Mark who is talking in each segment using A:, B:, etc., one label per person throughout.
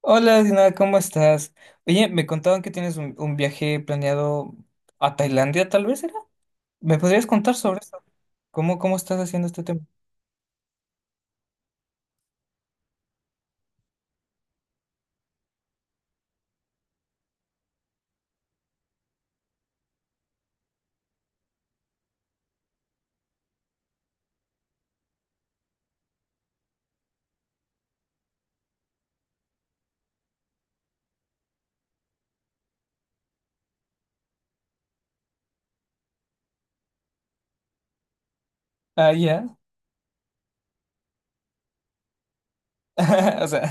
A: Hola, Dina, ¿cómo estás? Oye, me contaban que tienes un viaje planeado a Tailandia, tal vez era. ¿Me podrías contar sobre eso? ¿Cómo estás haciendo este tema? Ah, ya. O sea,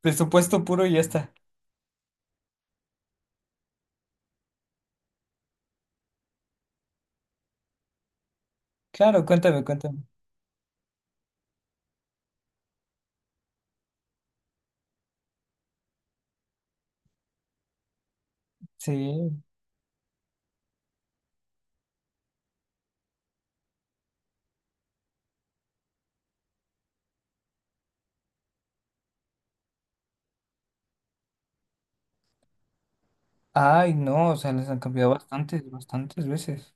A: presupuesto puro y ya está. Claro, cuéntame, cuéntame. Sí. Ay, no, o sea, les han cambiado bastantes, bastantes veces.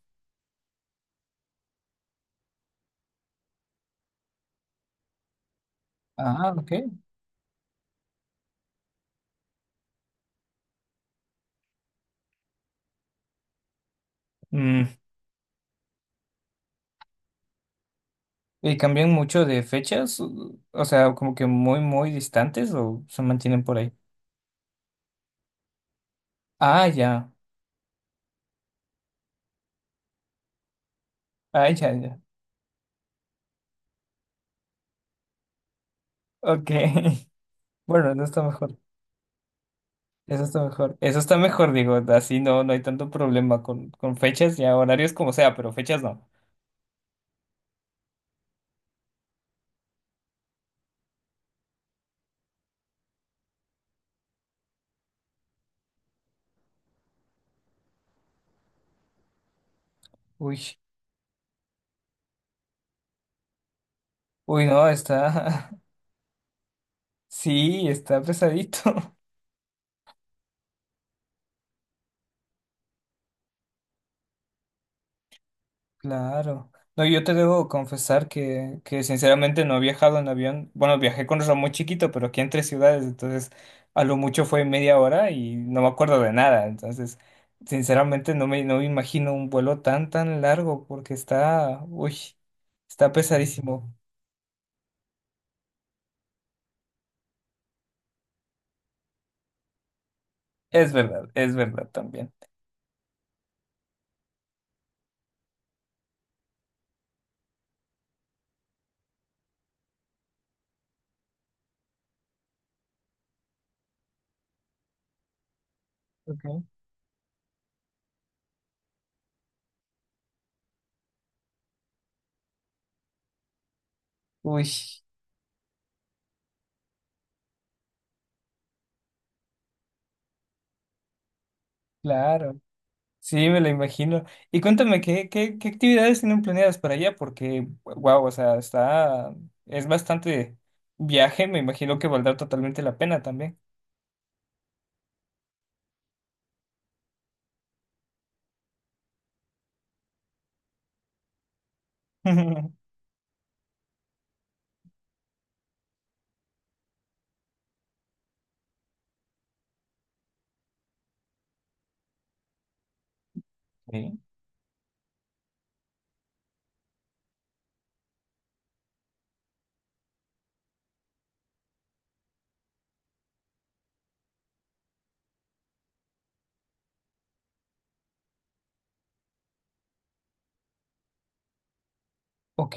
A: Ah, ok. Mm, ¿y cambian mucho de fechas? O sea, como que muy, muy distantes o se mantienen por ahí. Ah, ya. Ah, ya, ya. Ok. Bueno, no está mejor. Eso está mejor. Eso está mejor, digo, así no, no hay tanto problema con fechas y horarios como sea, pero fechas no. Uy, uy, no, está, sí, está pesadito. Claro. No, yo te debo confesar que sinceramente no he viajado en avión. Bueno, viajé con Ramón chiquito, pero aquí entre ciudades, entonces a lo mucho fue media hora y no me acuerdo de nada. Entonces, sinceramente no me imagino un vuelo tan, tan largo porque está, uy, está pesadísimo. Es verdad también. Okay. Uy, claro. Sí, me lo imagino. Y cuéntame, ¿qué actividades tienen planeadas para allá? Porque, wow, o sea, está, es bastante viaje, me imagino que valdrá totalmente la pena también. Sí. Ok.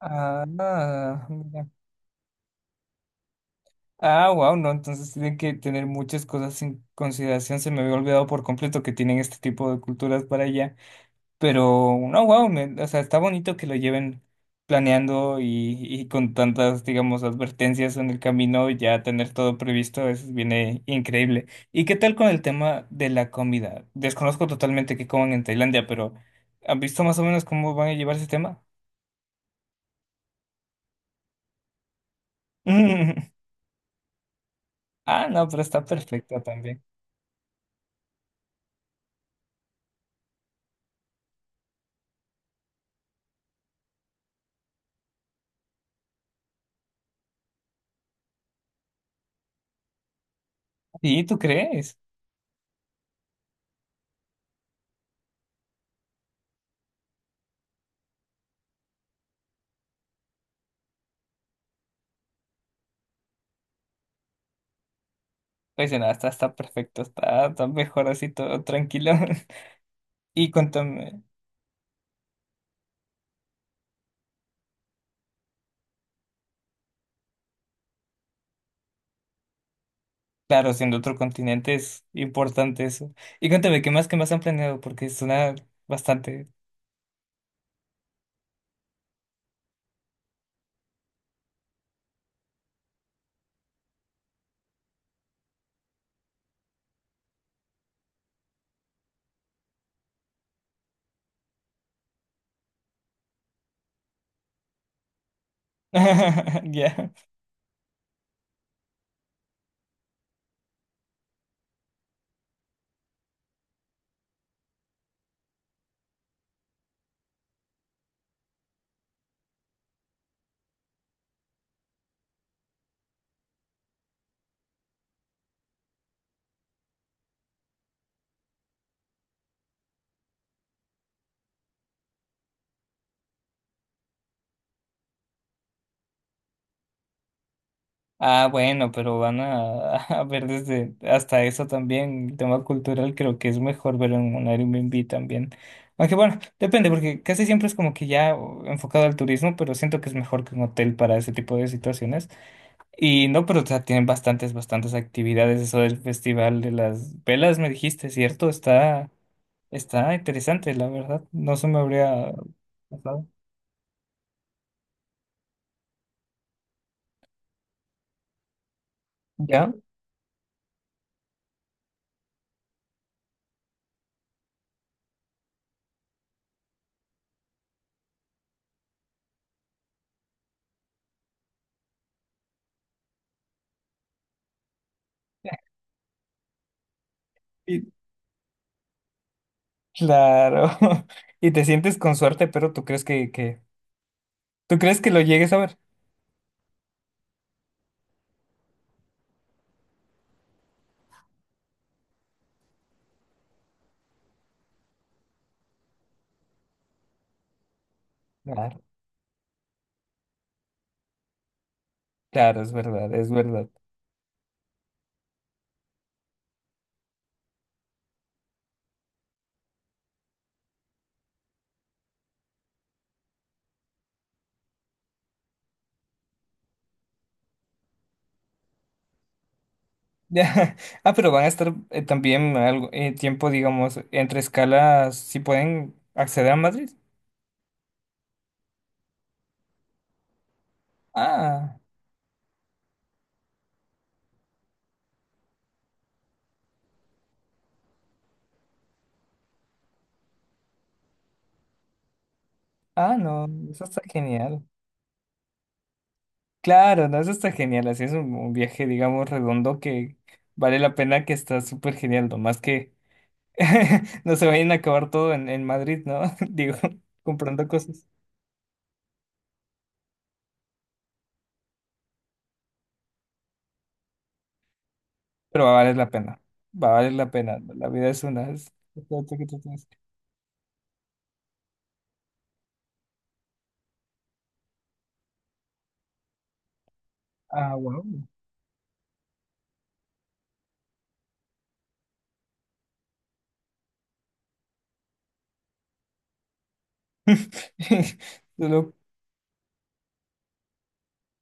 A: Ah, ah, mira. Ah, wow, no, entonces tienen que tener muchas cosas en consideración. Se me había olvidado por completo que tienen este tipo de culturas para allá. Pero, no, wow, o sea, está bonito que lo lleven planeando y con tantas, digamos, advertencias en el camino, ya tener todo previsto, es, viene increíble. ¿Y qué tal con el tema de la comida? Desconozco totalmente qué coman en Tailandia, pero ¿han visto más o menos cómo van a llevar ese tema? Ah, no, pero está perfecto también. ¿Y tú crees? Pues nada, está, está perfecto, está, está mejor así, todo tranquilo. Y cuéntame. Claro, siendo otro continente es importante eso. Y cuéntame, ¿qué más han planeado? Porque suena bastante. Ya. Ah, bueno, pero van a, a ver desde hasta eso también. El tema cultural creo que es mejor verlo en un Airbnb también. Aunque bueno, depende, porque casi siempre es como que ya oh, enfocado al turismo, pero siento que es mejor que un hotel para ese tipo de situaciones. Y no, pero o sea, tienen bastantes, bastantes actividades. Eso del festival de las velas, me dijiste, ¿cierto? Está. Está interesante, la verdad. No se me habría pasado. ¿Ya? Y claro. Y te sientes con suerte, pero tú crees que tú crees que lo llegues a ver. Claro, claro, es verdad, es verdad. Ya. Ah, pero van a estar también algo tiempo, digamos, entre escalas, si pueden acceder a Madrid. Ah, ah, no, eso está genial. Claro, no, eso está genial. Así es un viaje, digamos, redondo que vale la pena, que está súper genial, nomás que no se vayan a acabar todo en Madrid, ¿no? Digo, comprando cosas. Pero va a valer la pena. Va a valer la pena. La vida es una. Es- es todo lo que tú tienes. Ah, wow. Solo-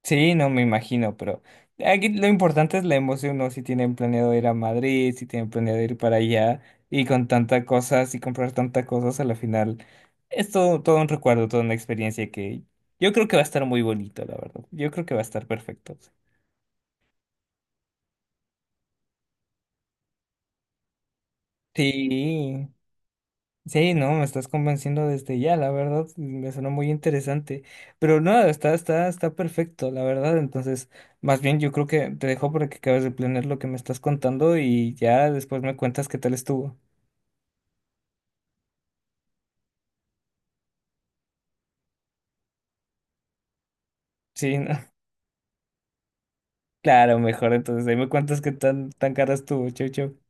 A: sí, no me imagino, pero aquí lo importante es la emoción, ¿no? Si tienen planeado ir a Madrid, si tienen planeado ir para allá y con tantas cosas y comprar tantas cosas, a la final es todo, todo un recuerdo, toda una experiencia que yo creo que va a estar muy bonito, la verdad. Yo creo que va a estar perfecto. Sí, sí, no, me estás convenciendo desde ya, la verdad, me sonó muy interesante. Pero no, está, está, está perfecto, la verdad. Entonces, más bien yo creo que te dejo para que acabes de planear lo que me estás contando y ya después me cuentas qué tal estuvo. Sí, no, claro, mejor. Entonces, ahí me cuentas qué tan, tan cara estuvo. Chau, chau.